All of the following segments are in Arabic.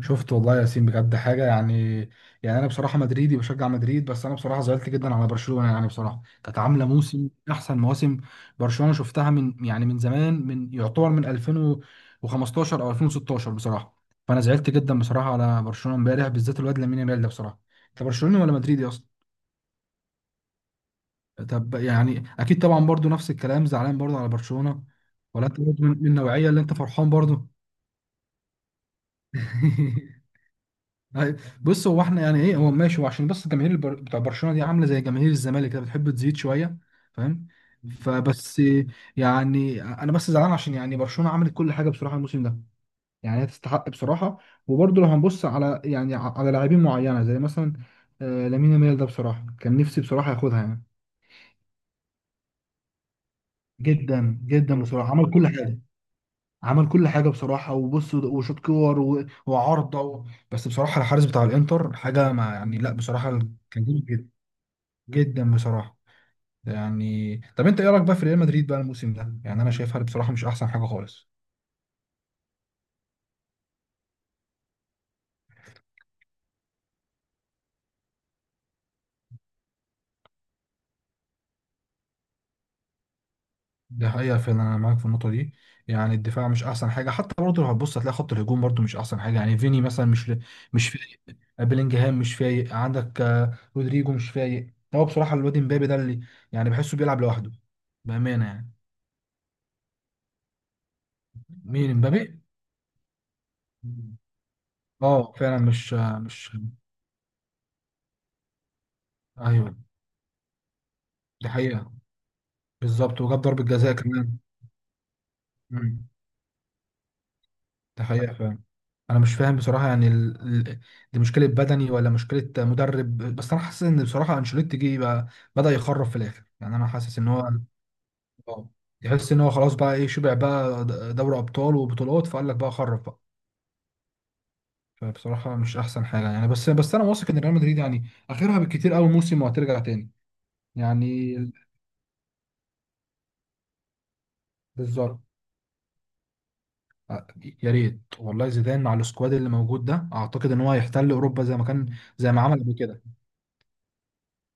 شفت والله يا ياسين بجد حاجه. يعني انا بصراحه مدريدي بشجع مدريد، بس انا بصراحه زعلت جدا على برشلونه. يعني بصراحه كانت عامله موسم من احسن مواسم برشلونه. شفتها من زمان، من 2015 او 2016 بصراحه. فانا زعلت جدا بصراحه على برشلونه امبارح، بالذات الواد لامين يامال ده بصراحه. انت برشلوني ولا مدريدي اصلا؟ طب يعني اكيد طبعا برضو نفس الكلام، زعلان برضو على برشلونه. ولا انت برضو من النوعيه اللي انت فرحان برضو؟ أي- بص، هو احنا يعني ايه، هو ماشي، هو عشان بس الجماهير بتوع برشلونه دي عامله زي جماهير الزمالك كده، بتحب تزيد شويه. فاهم؟ فبس. يعني انا بس زعلان عشان يعني برشلونه عملت كل حاجه بصراحه الموسم ده. يعني هي تستحق بصراحه. وبرضه لو هنبص على يعني على لاعبين معينه زي مثلا لامين يامال ده بصراحه كان نفسي بصراحه ياخدها يعني. جدا جدا بصراحه، عمل كل حاجه. عمل كل حاجه بصراحه، وبص وشوط كور وعارضه بس بصراحه الحارس بتاع الانتر حاجه ما، يعني لا بصراحه. كان جامد جدا، جدا بصراحه. يعني طب انت ايه رايك بقى في ريال مدريد بقى الموسم ده؟ يعني انا شايفها بصراحه مش احسن حاجه خالص. ده حقيقه فعلا، انا معاك في النقطه دي. يعني الدفاع مش احسن حاجه، حتى برضه لو هتبص هتلاقي خط الهجوم برضه مش احسن حاجه. يعني فيني مثلا مش، مش فايق. بيلينجهام مش فايق، عندك رودريجو مش فايق. هو بصراحه الواد امبابي ده اللي يعني بحسه بيلعب لوحده بامانه يعني. مين امبابي؟ اه فعلا مش، مش. ايوه دي حقيقه. بالظبط، وجاب ضربه جزاء كمان. مم. ده حقيقة فعلا. أنا مش فاهم بصراحة يعني ال... دي مشكلة بدني ولا مشكلة مدرب؟ بس أنا حاسس إن بصراحة أنشيلوتي جه بقى بدأ يخرف في الآخر. يعني أنا حاسس إن هو آه. يحس إن هو خلاص بقى إيه، شبع بقى دوري أبطال وبطولات، فقال لك بقى خرف بقى. فبصراحة مش أحسن حاجة يعني. بس أنا واثق إن ريال مدريد يعني آخرها بالكتير أوي موسم وهترجع تاني. يعني ال- بالظبط. آه، يا ريت والله زيدان مع السكواد اللي موجود ده، أعتقد إن هو هيحتل أوروبا زي ما كان، زي ما عمل قبل كده.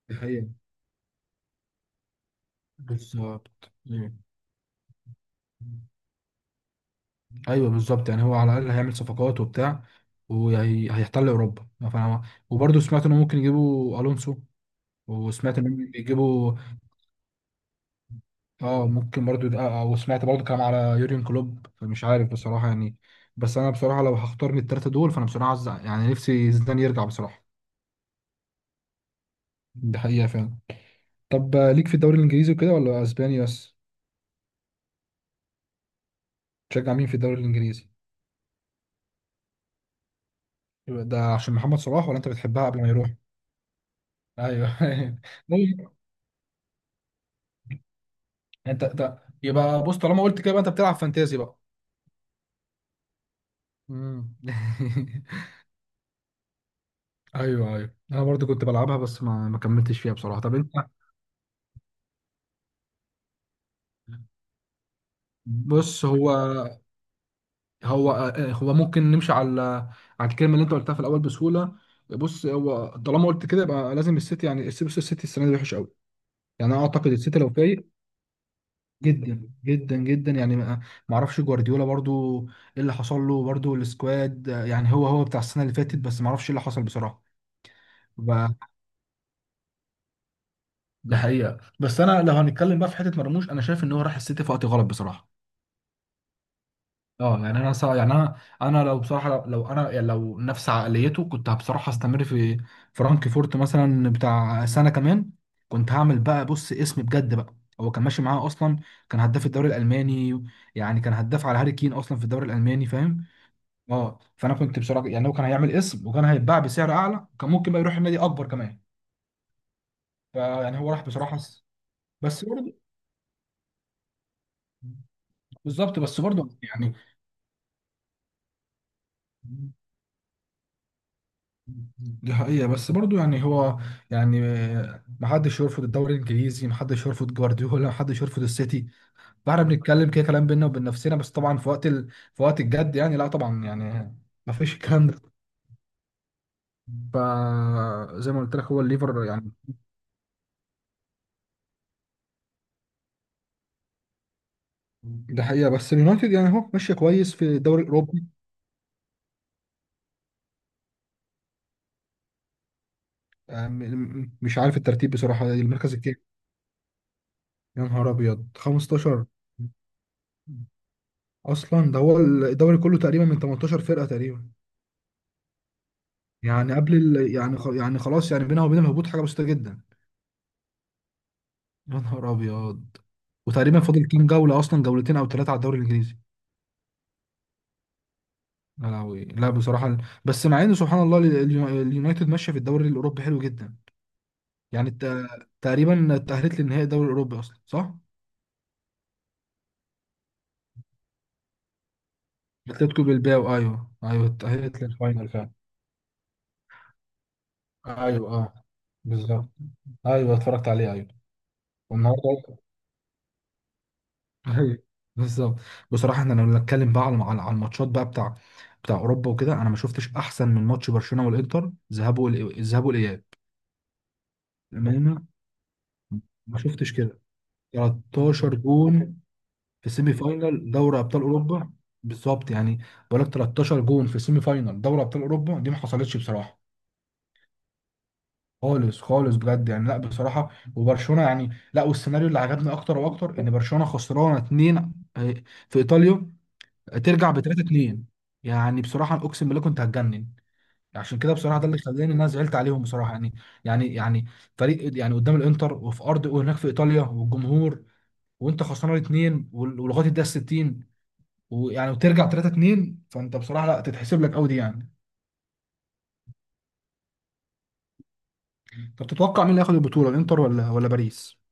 دي حقيقة. بالظبط مم. ايوه بالظبط. يعني هو على الاقل هيعمل صفقات وبتاع، وهيحتل اوروبا. فانا وبرضه سمعت انه ممكن يجيبوا الونسو، وسمعت انهم بيجيبوا. اه ممكن برضه وسمعت برضه كلام على يوريون كلوب، فمش عارف بصراحه يعني. بس انا بصراحه لو هختار من الثلاثه دول، فانا بصراحه عايز يعني نفسي زيدان يرجع بصراحه. دي حقيقه فعلا. طب ليك في الدوري الانجليزي وكده ولا اسباني بس؟ تشجع مين في الدوري الانجليزي؟ يبقى ده عشان محمد صلاح ولا انت بتحبها قبل ما يروح؟ ايوه. طيب، يعني انت ده يبقى، بص طالما قلت كده يبقى انت بتلعب فانتازي بقى؟ مم. ايوه ايوه، انا برضو كنت بلعبها بس ما كملتش فيها بصراحه. طب انت. بص هو هو ممكن نمشي على على الكلمه اللي انت قلتها في الاول بسهوله. بص، هو طالما قلت كده يبقى لازم السيتي، يعني السيتي، بص، السيتي السنه دي وحش قوي. يعني انا اعتقد السيتي لو فايق جدا جدا جدا. يعني ما اعرفش جوارديولا برضو ايه اللي حصل له، برضو السكواد يعني هو بتاع السنه اللي فاتت، بس ما اعرفش ايه اللي حصل بصراحه. ده حقيقه. بس انا لو هنتكلم بقى في حته مرموش، انا شايف ان هو راح السيتي في وقت غلط بصراحه. اه يعني يعني انا لو بصراحه لو انا يعني لو نفس عقليته كنت بصراحه استمر في فرانكفورت مثلا بتاع سنه كمان. كنت هعمل بقى بص اسم بجد بقى. هو كان ماشي معاه اصلا، كان هداف الدوري الالماني. يعني كان هداف على هاري كين اصلا في الدوري الالماني، فاهم؟ اه فانا كنت بصراحه يعني هو كان هيعمل اسم وكان هيتباع بسعر اعلى، كان ممكن بقى يروح النادي اكبر كمان. فيعني هو راح بصراحه. بس برضه بالظبط، بس برضه يعني دي حقيقة بس برضو يعني هو يعني محدش يرفض الدوري الانجليزي، محدش يرفض جوارديولا، محدش يرفض السيتي. فاحنا بنتكلم كده كلام بينا وبين نفسنا. بس طبعا في وقت في وقت الجد يعني، لا طبعا يعني ما فيش الكلام ده. فزي ما قلت لك هو الليفر يعني. ده حقيقة بس اليونايتد يعني هو ماشية كويس في الدوري الأوروبي. آه، م- مش عارف الترتيب بصراحة، المركز الكام. يا نهار أبيض 15! أصلا ده هو الدوري كله تقريبا من 18 فرقة تقريبا. يعني قبل يعني يعني خلاص يعني بينها وبين الهبوط حاجه بسيطه جدا. يا نهار ابيض. وتقريبا فاضل كام جوله اصلا، جولتين او ثلاثه على الدوري الانجليزي. يا لهوي، لا بصراحه. بس مع ان سبحان الله اليونايتد ماشيه في الدوري الاوروبي حلو جدا. يعني تقريبا تاهلت لنهائي الدوري الاوروبي اصلا، صح؟ اتلتيكو بالباو، ايوه ايوه تاهلت للفاينل فعلا. ايوه اه. بالظبط. ايوه اتفرجت عليه ايوه. والنهارده أيوة، بالظبط. بصراحه احنا لو نتكلم بقى على على على الماتشات بقى بتاع بتاع اوروبا وكده، انا ما شفتش احسن من ماتش برشلونه والانتر ذهاب الذهاب والاياب. بامانه ما شفتش كده. 13 جون في سيمي فاينال دوري ابطال اوروبا. بالظبط يعني. بقول لك 13 جون في سيمي فاينال دوري ابطال اوروبا دي ما حصلتش بصراحه. خالص خالص، بجد يعني، لا بصراحه. وبرشلونه يعني لا، والسيناريو اللي عجبني اكتر واكتر ان برشلونه خسرانه اتنين آه، في ايطاليا، ترجع ب 3 2. يعني بصراحه اقسم بالله كنت هتجنن. عشان كده بصراحه ده اللي خلاني ان انا زعلت عليهم بصراحه يعني. يعني يعني فريق يعني قدام الانتر وفي ارض وهناك في ايطاليا والجمهور، وانت خسران الاثنين ولغايه الدقيقه 60، ويعني وترجع 3 2. فانت بصراحه لا، تتحسب لك قوي دي يعني. طب تتوقع مين اللي هياخد البطوله، الانتر ولا باريس؟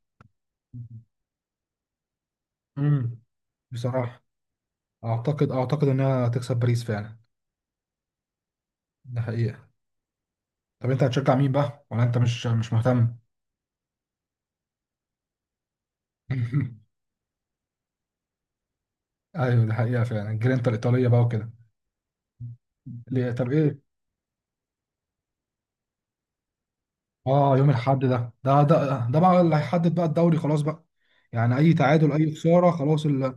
امم. بصراحه اعتقد انها هتكسب باريس فعلا. ده حقيقه. طب انت هتشجع مين بقى ولا انت مش مهتم؟ ايوه دي حقيقه فعلا جرينتا الايطاليه بقى وكده. طب ايه؟ اه يوم الاحد ده ده بقى اللي هيحدد بقى الدوري خلاص بقى. يعني اي تعادل، اي خساره خلاص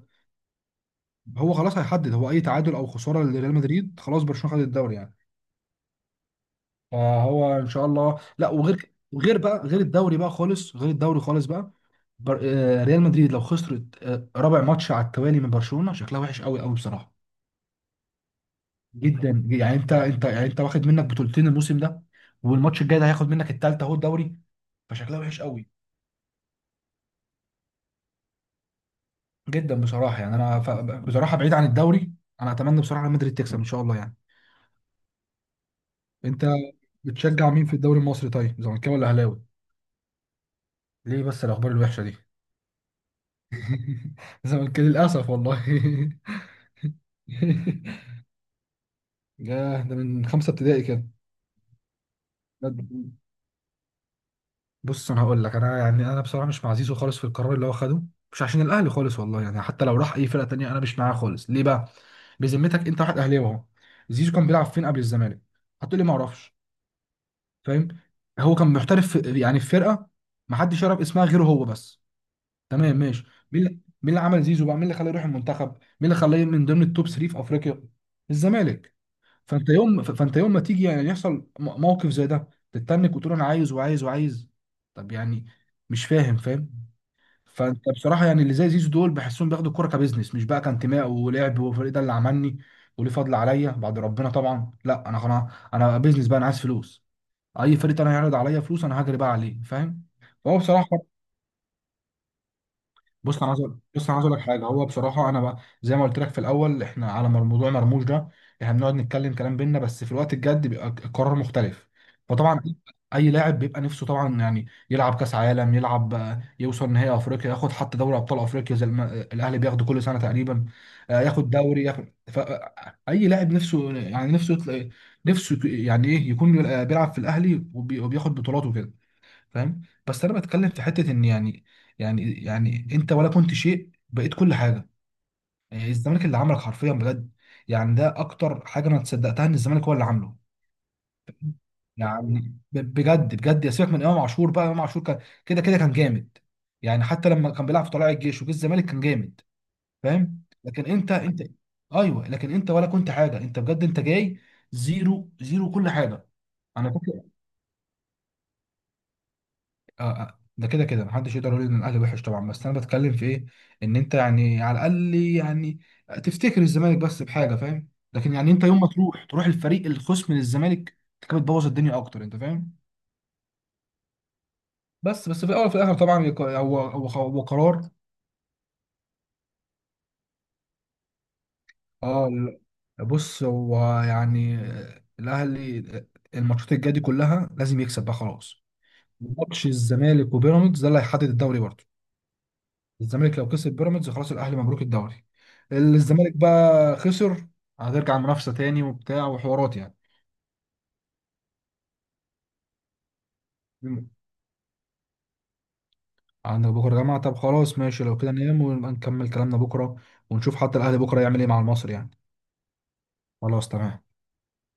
هو خلاص هيحدد. هو اي تعادل او خساره لريال مدريد، خلاص برشلونه خد الدوري يعني. فهو ان شاء الله لا، وغير بقى، غير الدوري بقى خالص، غير الدوري خالص بقى. بر... آه، ريال مدريد لو خسرت رابع ماتش على التوالي من برشلونه، شكلها وحش قوي قوي بصراحه. جدا يعني. انت يعني انت واخد منك بطولتين الموسم ده، والماتش الجاي ده هياخد منك التالتة اهو الدوري. فشكلها وحش قوي جدا بصراحه. بصراحه بعيد عن الدوري، انا اتمنى بصراحه ريال مدريد تكسب ان شاء الله يعني. انت بتشجع مين في الدوري المصري طيب، زملكاوي ولا اهلاوي؟ ليه بس الاخبار الوحشه دي؟ زملكاوي للاسف والله. ده من خمسه ابتدائي كده. بص انا هقول لك، انا يعني انا بصراحه مش مع زيزو خالص في القرار اللي هو خده. مش عشان الاهلي خالص والله، يعني حتى لو راح اي فرقه تانية انا مش معاه خالص. ليه بقى؟ بذمتك انت واحد اهلاوي اهو، زيزو كان بيلعب فين قبل الزمالك؟ هتقول لي ما اعرفش، فاهم؟ هو كان محترف في يعني في فرقه ما حدش يعرف اسمها غيره هو بس. تمام ماشي. مين اللي عمل زيزو بقى؟ مين اللي خلاه يروح المنتخب؟ مين اللي خلاه من ضمن التوب 3 في افريقيا؟ الزمالك. فانت يوم ما تيجي يعني يحصل موقف زي ده، تتنك وتقول انا عايز وعايز وعايز، طب يعني مش فاهم، فاهم. فانت بصراحه يعني اللي زي زيزو دول بحسهم بياخدوا الكوره كبزنس، مش بقى كانتماء ولعب وفريق ده اللي عملني وليه فضل عليا بعد ربنا طبعا. لا انا خلاص انا بيزنس بقى، انا عايز فلوس. اي فريق تاني هيعرض عليا فلوس انا هجري بقى عليه، فاهم؟ فهو بصراحه. بص انا عايز اقول لك حاجه، هو بصراحه انا بقى زي ما قلت لك في الاول احنا على موضوع مرموش ده، احنا بنقعد نتكلم كلام بينا، بس في الوقت الجد بيبقى القرار مختلف. فطبعا اي لاعب بيبقى نفسه طبعا يعني يلعب كاس عالم، يلعب يوصل نهائي افريقيا، ياخد حتى دوري ابطال افريقيا زي الاهلي بياخده كل سنه تقريبا. ياخد دوري، ياخد اي لاعب نفسه يعني، نفسه يطلع، نفسه يعني ايه يكون بيلعب في الاهلي وبياخد بطولات وكده، فاهم؟ بس انا بتكلم في حته ان يعني يعني يعني انت ولا كنت شيء بقيت كل حاجه. يعني الزمالك اللي عملك حرفيا بجد. يعني ده اكتر حاجه انا تصدقتها، ان الزمالك هو اللي عامله. يعني بجد بجد، يا سيبك من امام عاشور بقى، امام عاشور كان كده كده كان جامد. يعني حتى لما كان بيلعب في طلائع الجيش وجه الزمالك كان جامد. فاهم؟ لكن انت ايوه لكن انت ولا كنت حاجه، انت بجد انت جاي زيرو زيرو كل حاجه. انا فاكر اه. ده كده كده محدش يقدر يقول ان الاهلي وحش طبعا، بس انا بتكلم في ايه ان انت يعني على الاقل يعني تفتكر الزمالك بس بحاجه، فاهم؟ لكن يعني انت يوم ما تروح تروح الفريق الخصم للزمالك، انت كده بتبوظ الدنيا اكتر، انت فاهم؟ بس في الاول وفي الاخر طبعا هو هو قرار. اه بص هو يعني الاهلي الماتشات الجايه دي كلها لازم يكسب بقى خلاص. ماتش الزمالك وبيراميدز ده اللي هيحدد الدوري برضه. الزمالك لو كسب بيراميدز خلاص الاهلي مبروك الدوري. الزمالك بقى خسر، هترجع منافسه تاني وبتاع وحوارات يعني. عندك بكره جماعه، طب خلاص ماشي لو كده ننام ونبقى نكمل كلامنا بكره، ونشوف حتى الاهلي بكره يعمل ايه مع المصري يعني. خلاص تمام.